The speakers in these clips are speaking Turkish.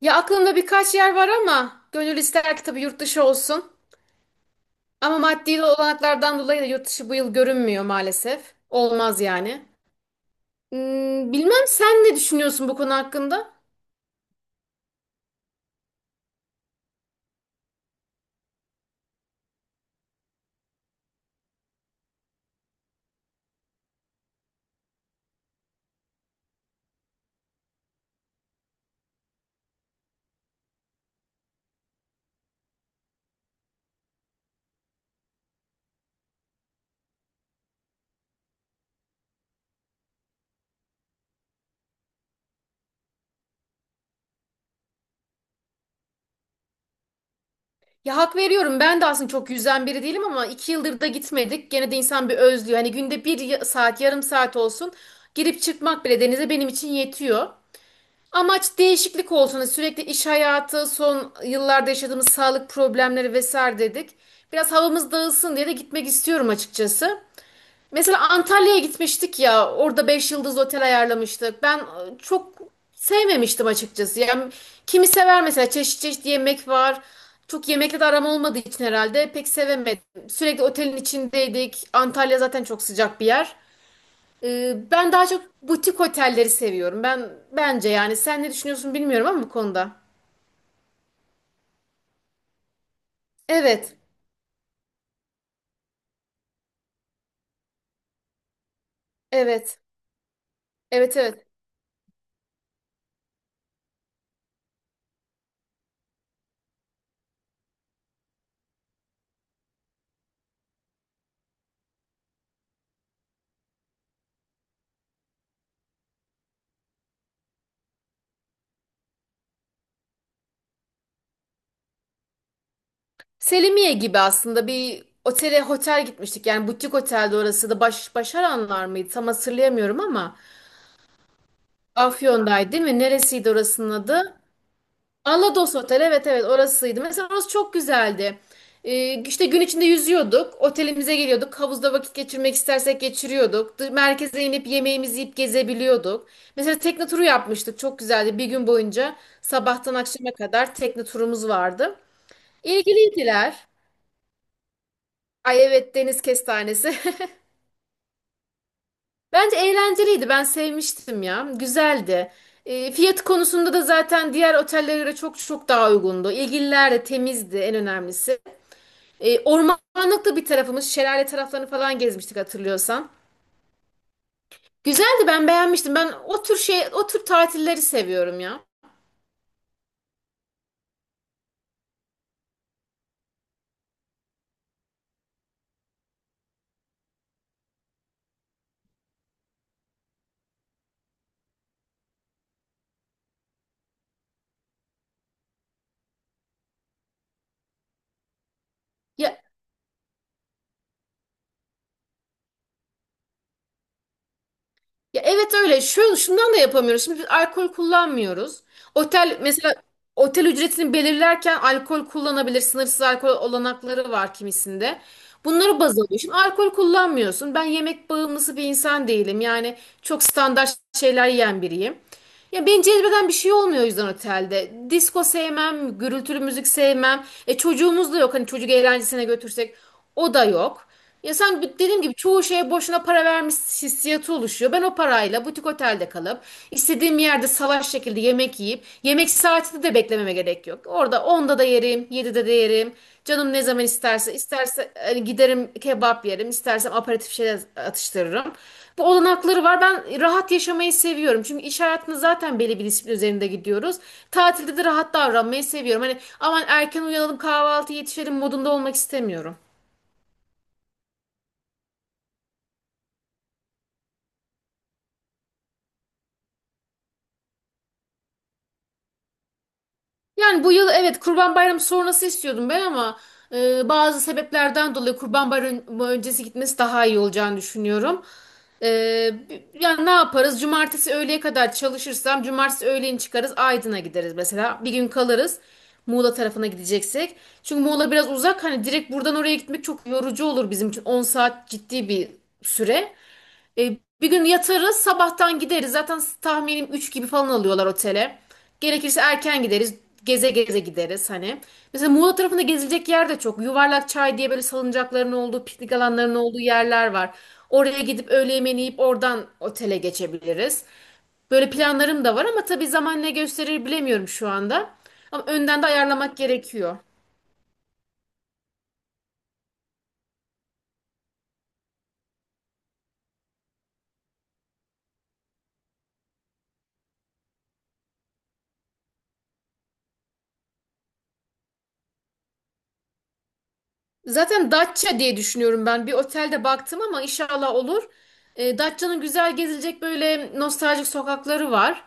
Ya aklımda birkaç yer var ama gönül ister ki tabii yurt dışı olsun. Ama maddi olanaklardan dolayı da yurt dışı bu yıl görünmüyor maalesef. Olmaz yani. Bilmem sen ne düşünüyorsun bu konu hakkında? Ya hak veriyorum ben de aslında çok yüzden biri değilim ama 2 yıldır da gitmedik. Gene de insan bir özlüyor. Hani günde bir saat yarım saat olsun girip çıkmak bile denize benim için yetiyor. Amaç değişiklik olsun. Hani sürekli iş hayatı, son yıllarda yaşadığımız sağlık problemleri vesaire dedik. Biraz havamız dağılsın diye de gitmek istiyorum açıkçası. Mesela Antalya'ya gitmiştik ya. Orada 5 yıldız otel ayarlamıştık. Ben çok sevmemiştim açıkçası. Yani kimi sever mesela çeşit çeşit yemek var. Çok yemekle de aram olmadığı için herhalde pek sevemedim. Sürekli otelin içindeydik. Antalya zaten çok sıcak bir yer. Ben daha çok butik otelleri seviyorum. Ben bence yani sen ne düşünüyorsun bilmiyorum ama bu konuda. Evet. Evet. Evet, evet. Selimiye gibi aslında bir otele otel gitmiştik. Yani butik otelde orası da Başaranlar mıydı? Tam hatırlayamıyorum ama Afyon'daydı değil mi? Neresiydi orasının adı? Alados Otel, evet evet, orasıydı. Mesela orası çok güzeldi. İşte gün içinde yüzüyorduk. Otelimize geliyorduk. Havuzda vakit geçirmek istersek geçiriyorduk. Merkeze inip yemeğimizi yiyip gezebiliyorduk. Mesela tekne turu yapmıştık. Çok güzeldi. Bir gün boyunca sabahtan akşama kadar tekne turumuz vardı. İlgiliydiler. Ay evet, deniz kestanesi. Bence eğlenceliydi. Ben sevmiştim ya. Güzeldi. Fiyat konusunda da zaten diğer otellere göre çok çok daha uygundu. İlgililer de temizdi, en önemlisi. Ormanlıkta bir tarafımız, şelale taraflarını falan gezmiştik hatırlıyorsan. Güzeldi, ben beğenmiştim. Ben o tür şey, o tür tatilleri seviyorum ya. Ya Ya evet, öyle. Şundan da yapamıyoruz. Şimdi biz alkol kullanmıyoruz. Otel mesela otel ücretini belirlerken alkol kullanabilir. Sınırsız alkol olanakları var kimisinde. Bunları baz alıyor. Şimdi alkol kullanmıyorsun. Ben yemek bağımlısı bir insan değilim. Yani çok standart şeyler yiyen biriyim. Ya beni cezbeden bir şey olmuyor o yüzden otelde. Disko sevmem, gürültülü müzik sevmem. Çocuğumuz da yok. Hani çocuk eğlencesine götürsek o da yok. Ya sen dediğim gibi çoğu şeye boşuna para vermiş hissiyatı oluşuyor. Ben o parayla butik otelde kalıp istediğim yerde salaş şekilde yemek yiyip yemek saatinde de beklememe gerek yok. Orada onda da yerim, 7'de de yerim. Canım ne zaman isterse, isterse hani giderim kebap yerim, istersem aperatif şeyler atıştırırım. Bu olanakları var. Ben rahat yaşamayı seviyorum. Çünkü iş hayatında zaten belli bir disiplin üzerinde gidiyoruz. Tatilde de rahat davranmayı seviyorum. Hani aman erken uyanalım, kahvaltı yetişelim modunda olmak istemiyorum. Yani bu yıl evet, Kurban Bayramı sonrası istiyordum ben ama bazı sebeplerden dolayı Kurban Bayramı öncesi gitmesi daha iyi olacağını düşünüyorum. E, yani ne yaparız? Cumartesi öğleye kadar çalışırsam cumartesi öğleyin çıkarız, Aydın'a gideriz mesela. Bir gün kalırız Muğla tarafına gideceksek. Çünkü Muğla biraz uzak, hani direkt buradan oraya gitmek çok yorucu olur bizim için. 10 saat ciddi bir süre. Bir gün yatarız, sabahtan gideriz. Zaten tahminim 3 gibi falan alıyorlar otele. Gerekirse erken gideriz. Geze geze gideriz hani. Mesela Muğla tarafında gezilecek yer de çok. Yuvarlak Çay diye böyle salıncakların olduğu, piknik alanlarının olduğu yerler var. Oraya gidip öğle yemeğini yiyip oradan otele geçebiliriz. Böyle planlarım da var ama tabii zaman ne gösterir bilemiyorum şu anda. Ama önden de ayarlamak gerekiyor. Zaten Datça diye düşünüyorum ben. Bir otelde baktım ama inşallah olur. Datça'nın güzel gezilecek böyle nostaljik sokakları var.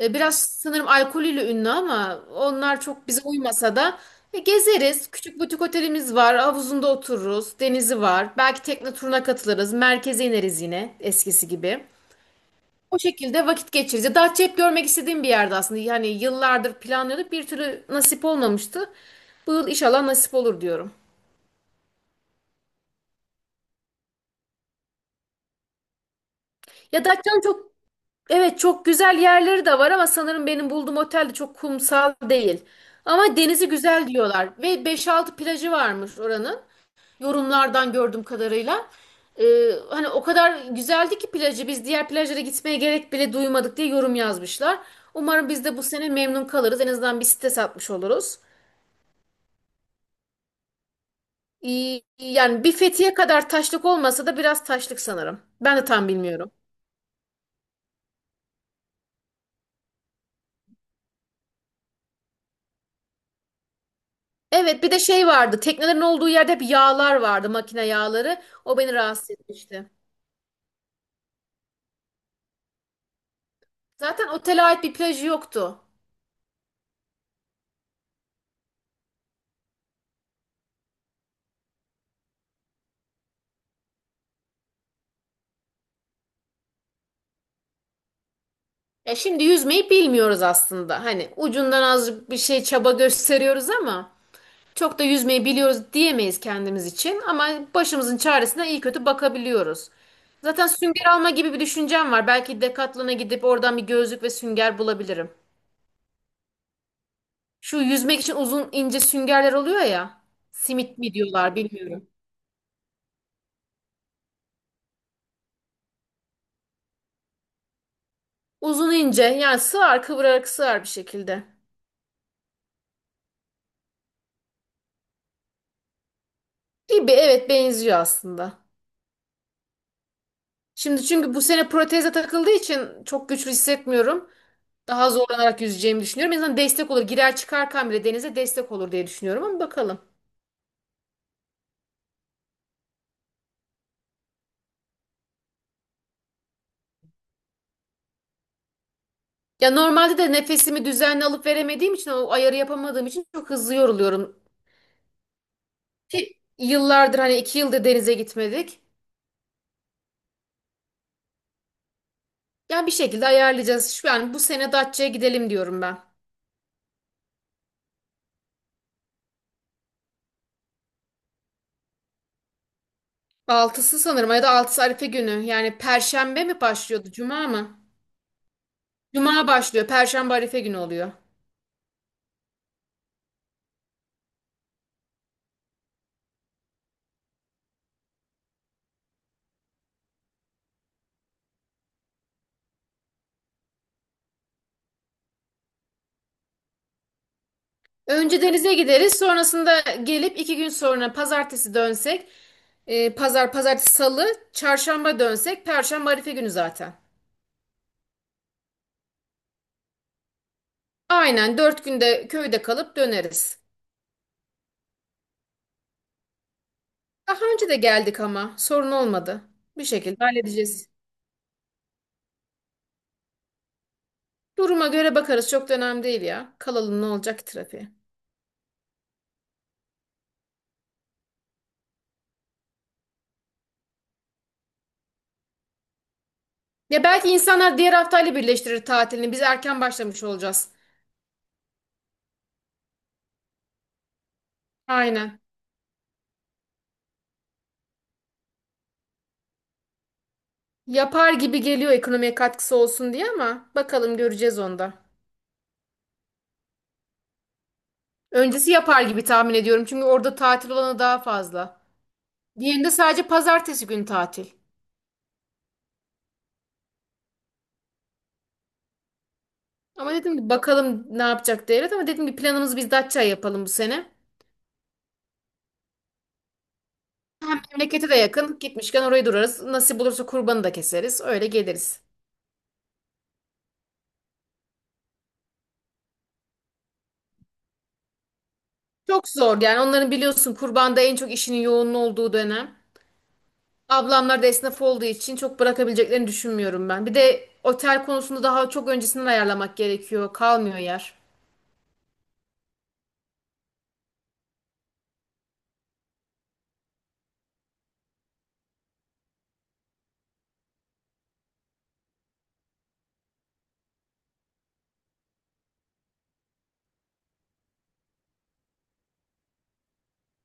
Biraz sanırım alkolüyle ünlü ama onlar çok bize uymasa da gezeriz. Küçük butik otelimiz var. Havuzunda otururuz. Denizi var. Belki tekne turuna katılırız. Merkeze ineriz yine eskisi gibi. O şekilde vakit geçiririz. Ya Datça hep görmek istediğim bir yerde aslında. Yani yıllardır planlıyorduk. Bir türlü nasip olmamıştı. Bu yıl inşallah nasip olur diyorum. Ya Datça'nın çok... Evet, çok güzel yerleri de var ama sanırım benim bulduğum otel de çok kumsal değil. Ama denizi güzel diyorlar ve 5-6 plajı varmış oranın. Yorumlardan gördüğüm kadarıyla. Hani o kadar güzeldi ki plajı, biz diğer plajlara gitmeye gerek bile duymadık diye yorum yazmışlar. Umarım biz de bu sene memnun kalırız. En azından bir site satmış oluruz. Yani bir Fethiye kadar taşlık olmasa da biraz taşlık sanırım. Ben de tam bilmiyorum. Evet, bir de şey vardı. Teknelerin olduğu yerde hep yağlar vardı. Makine yağları. O beni rahatsız etmişti. Zaten otele ait bir plajı yoktu. Ya şimdi yüzmeyi bilmiyoruz aslında. Hani ucundan az bir şey çaba gösteriyoruz ama çok da yüzmeyi biliyoruz diyemeyiz kendimiz için. Ama başımızın çaresine iyi kötü bakabiliyoruz. Zaten sünger alma gibi bir düşüncem var. Belki Decathlon'a gidip oradan bir gözlük ve sünger bulabilirim. Şu yüzmek için uzun ince süngerler oluyor ya. Simit mi diyorlar bilmiyorum. Uzun ince, yani sığar, kıvırarak sığar bir şekilde. Gibi, evet, benziyor aslında. Şimdi çünkü bu sene proteze takıldığı için çok güçlü hissetmiyorum. Daha zorlanarak yüzeceğimi düşünüyorum. En azından destek olur. Girer çıkarken bile denize destek olur diye düşünüyorum ama bakalım. Ya normalde de nefesimi düzenli alıp veremediğim için, o ayarı yapamadığım için çok hızlı yoruluyorum. Ki yıllardır, hani 2 yıldır denize gitmedik. Yani bir şekilde ayarlayacağız. Şu, yani bu sene Datça'ya gidelim diyorum ben. Altısı sanırım, ya da altısı Arife günü. Yani Perşembe mi başlıyordu, Cuma mı? Cuma başlıyor, Perşembe Arife günü oluyor. Önce denize gideriz, sonrasında gelip 2 gün sonra Pazartesi dönsek, Pazar, Pazartesi, Salı, Çarşamba dönsek, Perşembe Arife günü zaten. Aynen, 4 günde köyde kalıp döneriz. Daha önce de geldik ama sorun olmadı. Bir şekilde halledeceğiz. Duruma göre bakarız, çok da önemli değil ya. Kalalım, ne olacak ki trafiğe. Ya belki insanlar diğer haftayla birleştirir tatilini. Biz erken başlamış olacağız. Aynen. Yapar gibi geliyor, ekonomiye katkısı olsun diye ama bakalım, göreceğiz onda. Öncesi yapar gibi tahmin ediyorum. Çünkü orada tatil olanı daha fazla. Diğerinde sadece pazartesi günü tatil. Ama dedim ki bakalım ne yapacak devlet, ama dedim ki planımızı biz Datça yapalım bu sene. Hem memlekete de yakın. Gitmişken orayı durarız. Nasip olursa kurbanı da keseriz. Öyle geliriz. Çok zor, yani onların biliyorsun kurbanda en çok işinin yoğunluğu olduğu dönem. Ablamlar da esnaf olduğu için çok bırakabileceklerini düşünmüyorum ben. Bir de otel konusunda daha çok öncesinden ayarlamak gerekiyor. Kalmıyor yer.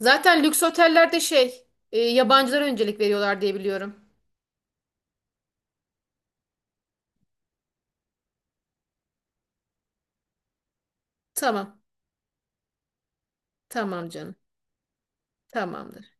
Zaten lüks otellerde yabancılara öncelik veriyorlar diye biliyorum. Tamam. Tamam canım. Tamamdır.